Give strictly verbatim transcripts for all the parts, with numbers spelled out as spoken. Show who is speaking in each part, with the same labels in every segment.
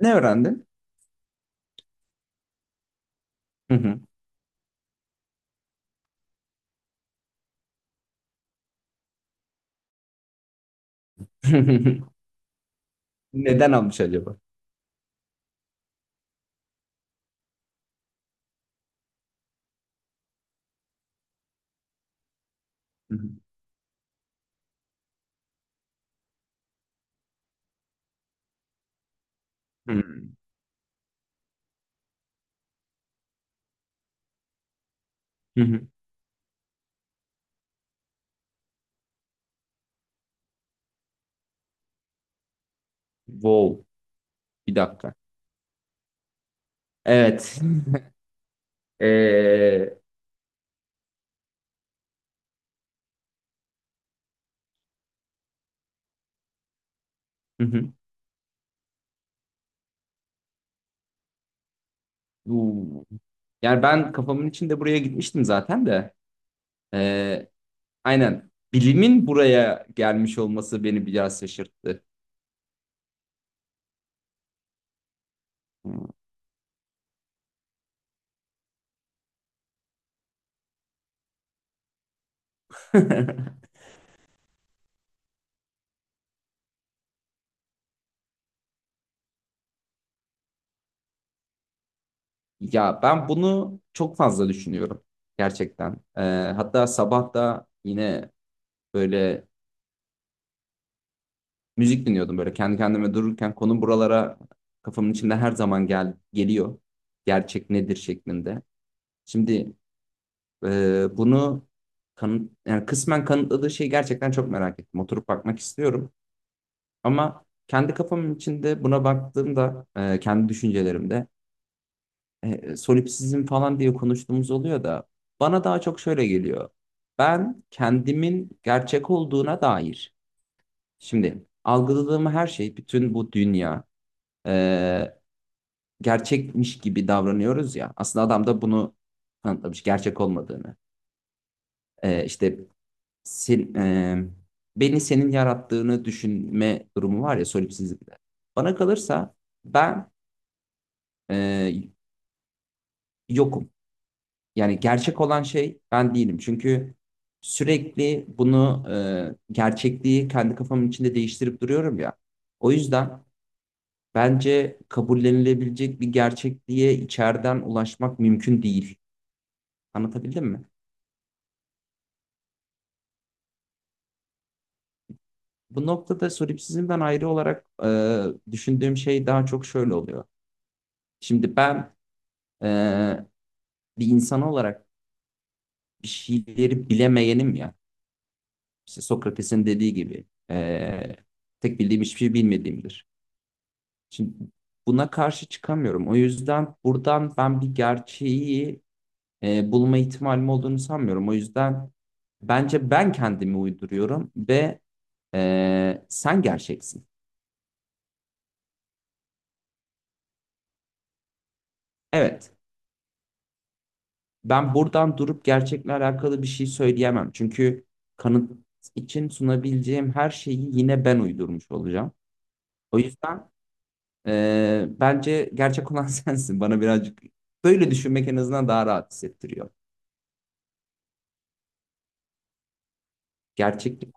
Speaker 1: Ne öğrendin? Hı hı. Neden almış acaba? Hı hı. Hmm. Hı hı, hı. Wow. Bir dakika. Evet. Ee, hı hı. Bu- Yani ben kafamın içinde buraya gitmiştim zaten de. Ee, aynen. Bilimin buraya gelmiş olması beni biraz şaşırttı. Hmm. Ya ben bunu çok fazla düşünüyorum gerçekten. Ee, hatta sabah da yine böyle müzik dinliyordum, böyle kendi kendime dururken konu buralara, kafamın içinde her zaman gel geliyor. Gerçek nedir şeklinde. Şimdi e, bunu kanıt, yani kısmen kanıtladığı şeyi gerçekten çok merak ettim. Oturup bakmak istiyorum. Ama kendi kafamın içinde buna baktığımda, e, kendi düşüncelerimde e, solipsizm falan diye konuştuğumuz oluyor da bana daha çok şöyle geliyor. Ben kendimin gerçek olduğuna dair. Şimdi algıladığım her şey, bütün bu dünya, e, gerçekmiş gibi davranıyoruz ya. Aslında adam da bunu kanıtlamış, gerçek olmadığını. Ee, işte sen, e, beni senin yarattığını düşünme durumu var ya solipsizlikte. Bana kalırsa ben e, yokum. Yani gerçek olan şey ben değilim. Çünkü sürekli bunu, e, gerçekliği kendi kafamın içinde değiştirip duruyorum ya. O yüzden bence kabullenilebilecek bir gerçekliğe içeriden ulaşmak mümkün değil. Anlatabildim mi? Bu noktada solipsizmden ayrı olarak e, düşündüğüm şey daha çok şöyle oluyor. Şimdi ben e, bir insan olarak bir şeyleri bilemeyenim ya. İşte Sokrates'in dediği gibi e, tek bildiğim hiçbir şey bilmediğimdir. Şimdi buna karşı çıkamıyorum. O yüzden buradan ben bir gerçeği e, bulma ihtimalim olduğunu sanmıyorum. O yüzden bence ben kendimi uyduruyorum ve e, sen gerçeksin. Evet. Ben buradan durup gerçekle alakalı bir şey söyleyemem. Çünkü kanıt için sunabileceğim her şeyi yine ben uydurmuş olacağım. O yüzden e, bence gerçek olan sensin. Bana birazcık böyle düşünmek en azından daha rahat hissettiriyor. Gerçeklik.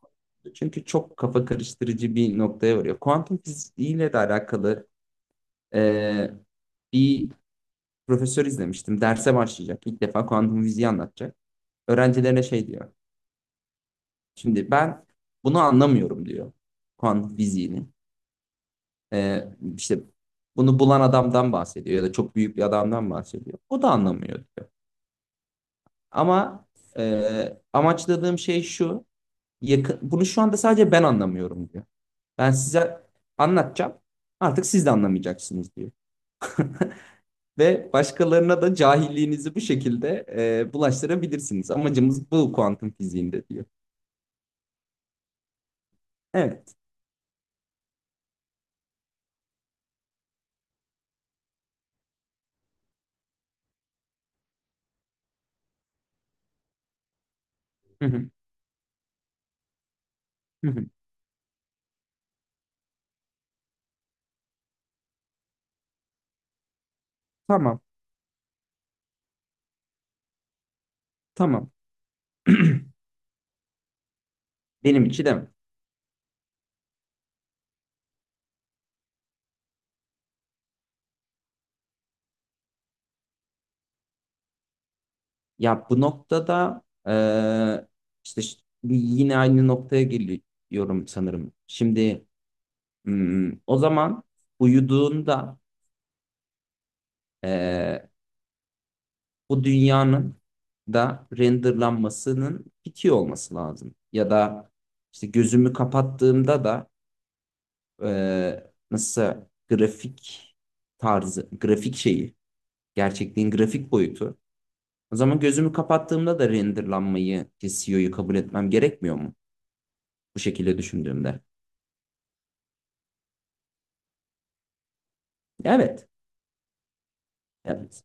Speaker 1: Çünkü çok kafa karıştırıcı bir noktaya varıyor. Kuantum fiziğiyle de alakalı e, bir profesör izlemiştim. Derse başlayacak. İlk defa kuantum fiziği anlatacak. Öğrencilerine şey diyor. Şimdi ben bunu anlamıyorum diyor, kuantum fiziğini. Ee, işte bunu bulan adamdan bahsediyor ya da çok büyük bir adamdan bahsediyor. O da anlamıyor diyor. Ama e, amaçladığım şey şu. Yakın, bunu şu anda sadece ben anlamıyorum diyor. Ben size anlatacağım. Artık siz de anlamayacaksınız diyor. Ve başkalarına da cahilliğinizi bu şekilde e, bulaştırabilirsiniz. Amacımız bu, kuantum fiziğinde diyor. Evet. Hı hı, hı hı. Tamam. Tamam. Benim için de mi? Ya bu noktada eee, işte ş- yine aynı noktaya geliyorum sanırım. Şimdi hmm, o zaman uyuduğunda eee, bu dünyanın da renderlanmasının bitiyor olması lazım. Ya da işte gözümü kapattığımda da eee nasıl grafik tarzı, grafik şeyi, gerçekliğin grafik boyutu. O zaman gözümü kapattığımda da renderlanmayı, C C U'yu kabul etmem gerekmiyor mu? Bu şekilde düşündüğümde. Evet. Evet.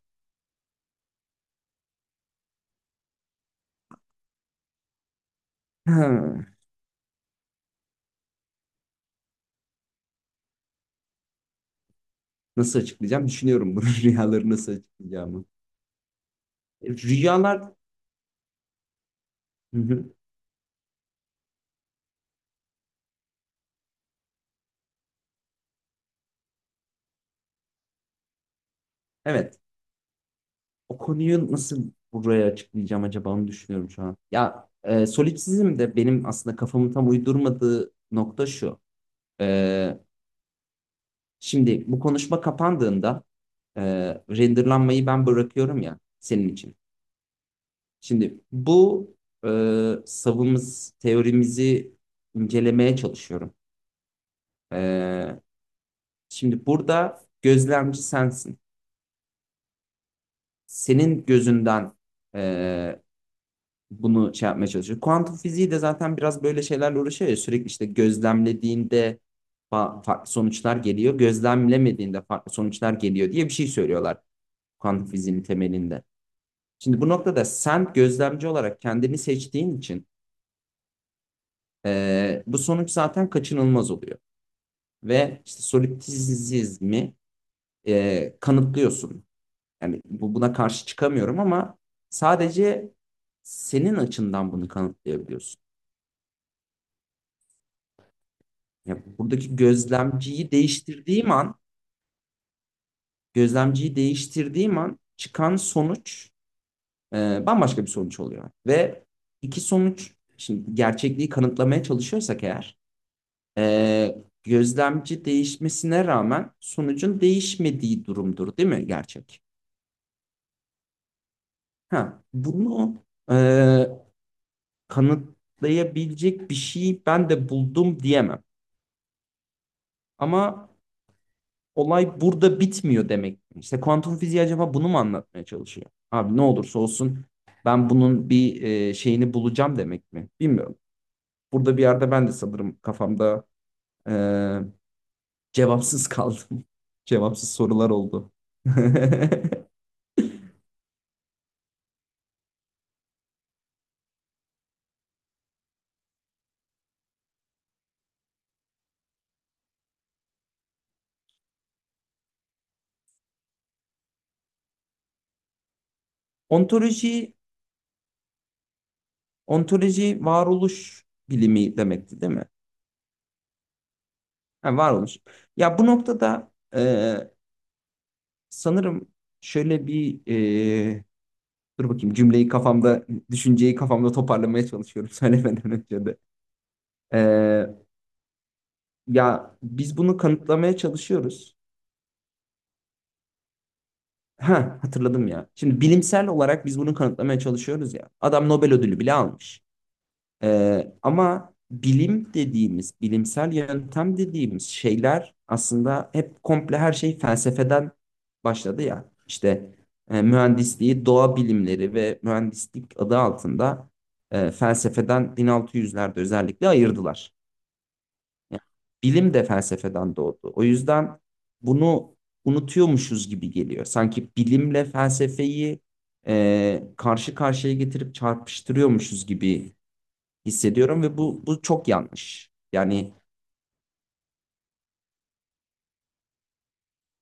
Speaker 1: Ha, nasıl açıklayacağım? Düşünüyorum bunu. Rüyaları nasıl açıklayacağımı. E, Rüyalar... Hı hı. Evet. O konuyu nasıl buraya açıklayacağım, acaba onu düşünüyorum şu an. Ya e, solipsizm de benim aslında kafamın tam uydurmadığı nokta şu. E, Şimdi bu konuşma kapandığında e, renderlanmayı ben bırakıyorum ya senin için. Şimdi bu e, savımız, teorimizi incelemeye çalışıyorum. E, Şimdi burada gözlemci sensin. Senin gözünden e, bunu şey yapmaya çalışıyor. Kuantum fiziği de zaten biraz böyle şeylerle uğraşıyor ya. Sürekli işte gözlemlediğinde farklı sonuçlar geliyor. Gözlemlemediğinde farklı sonuçlar geliyor diye bir şey söylüyorlar, kuantum fiziğinin temelinde. Şimdi bu noktada sen gözlemci olarak kendini seçtiğin için e, bu sonuç zaten kaçınılmaz oluyor. Ve işte solipsizmi e, kanıtlıyorsun. Yani bu buna karşı çıkamıyorum ama sadece senin açından bunu kanıtlayabiliyorsun. Yani buradaki gözlemciyi değiştirdiğim an, gözlemciyi değiştirdiğim an, çıkan sonuç e, bambaşka bir sonuç oluyor. Ve iki sonuç, şimdi gerçekliği kanıtlamaya çalışıyorsak eğer, e, gözlemci değişmesine rağmen sonucun değişmediği durumdur, değil mi gerçek? Ha, bunu e, kanıtlayabilecek bir şey ben de buldum diyemem. Ama olay burada bitmiyor demek. İşte kuantum fiziği acaba bunu mu anlatmaya çalışıyor? Abi ne olursa olsun ben bunun bir e, şeyini bulacağım demek mi? Bilmiyorum. Burada bir yerde ben de sanırım kafamda e, cevapsız kaldım. Cevapsız sorular oldu. Ontoloji, ontoloji varoluş bilimi demekti, değil mi? Ha, varoluş. Ya bu noktada e, sanırım şöyle bir e, dur bakayım, cümleyi kafamda, düşünceyi kafamda toparlamaya çalışıyorum söylemeden önce de. E, Ya biz bunu kanıtlamaya çalışıyoruz. Ha, hatırladım ya. Şimdi bilimsel olarak biz bunu kanıtlamaya çalışıyoruz ya. Adam Nobel ödülü bile almış. Ee, ama bilim dediğimiz, bilimsel yöntem dediğimiz şeyler aslında hep komple, her şey felsefeden başladı ya. İşte e, mühendisliği, doğa bilimleri ve mühendislik adı altında e, felsefeden bin altı yüzlerde özellikle ayırdılar. Yani bilim de felsefeden doğdu. O yüzden bunu unutuyormuşuz gibi geliyor. Sanki bilimle felsefeyi e, karşı karşıya getirip çarpıştırıyormuşuz gibi hissediyorum ve bu bu çok yanlış. Yani.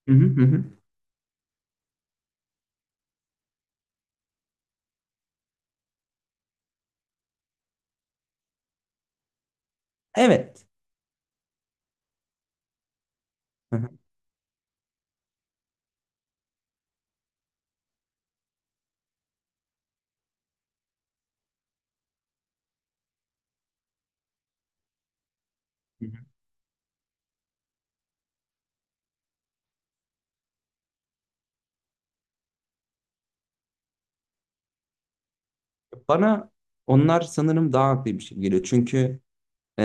Speaker 1: Hı hı hı, hı. Evet. Hı hı. Hı hı. Bana onlar sanırım daha haklıymış gibi geliyor. Çünkü e,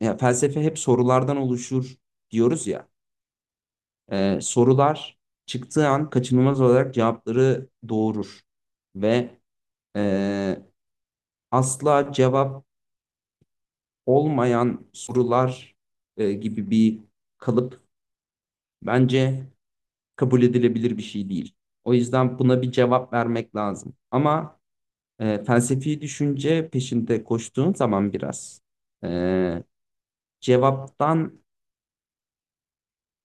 Speaker 1: ya felsefe hep sorulardan oluşur diyoruz ya. E, sorular çıktığı an kaçınılmaz olarak cevapları doğurur. Ve e, asla cevap olmayan sorular e, gibi bir kalıp, bence kabul edilebilir bir şey değil. O yüzden buna bir cevap vermek lazım. Ama e, felsefi düşünce peşinde koştuğun zaman biraz e, cevaptan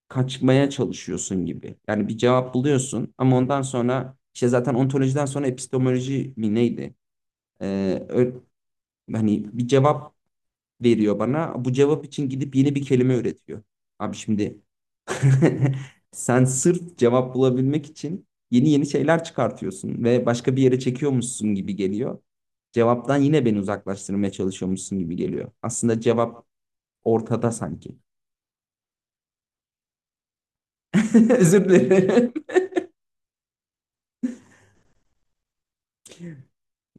Speaker 1: kaçmaya çalışıyorsun gibi. Yani bir cevap buluyorsun ama ondan sonra işte, zaten ontolojiden sonra epistemoloji mi neydi? E, ö- Hani bir cevap veriyor bana. Bu cevap için gidip yeni bir kelime üretiyor. Abi şimdi sen sırf cevap bulabilmek için yeni yeni şeyler çıkartıyorsun ve başka bir yere çekiyormuşsun gibi geliyor. Cevaptan yine beni uzaklaştırmaya çalışıyormuşsun gibi geliyor. Aslında cevap ortada sanki. Özür dilerim.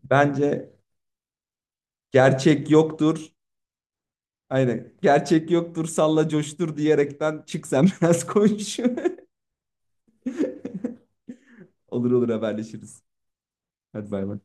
Speaker 1: Bence gerçek yoktur. Aynen. Gerçek yoktur, salla coştur diyerekten çık sen, biraz koş. Olur olur, haberleşiriz. Hadi bay bay.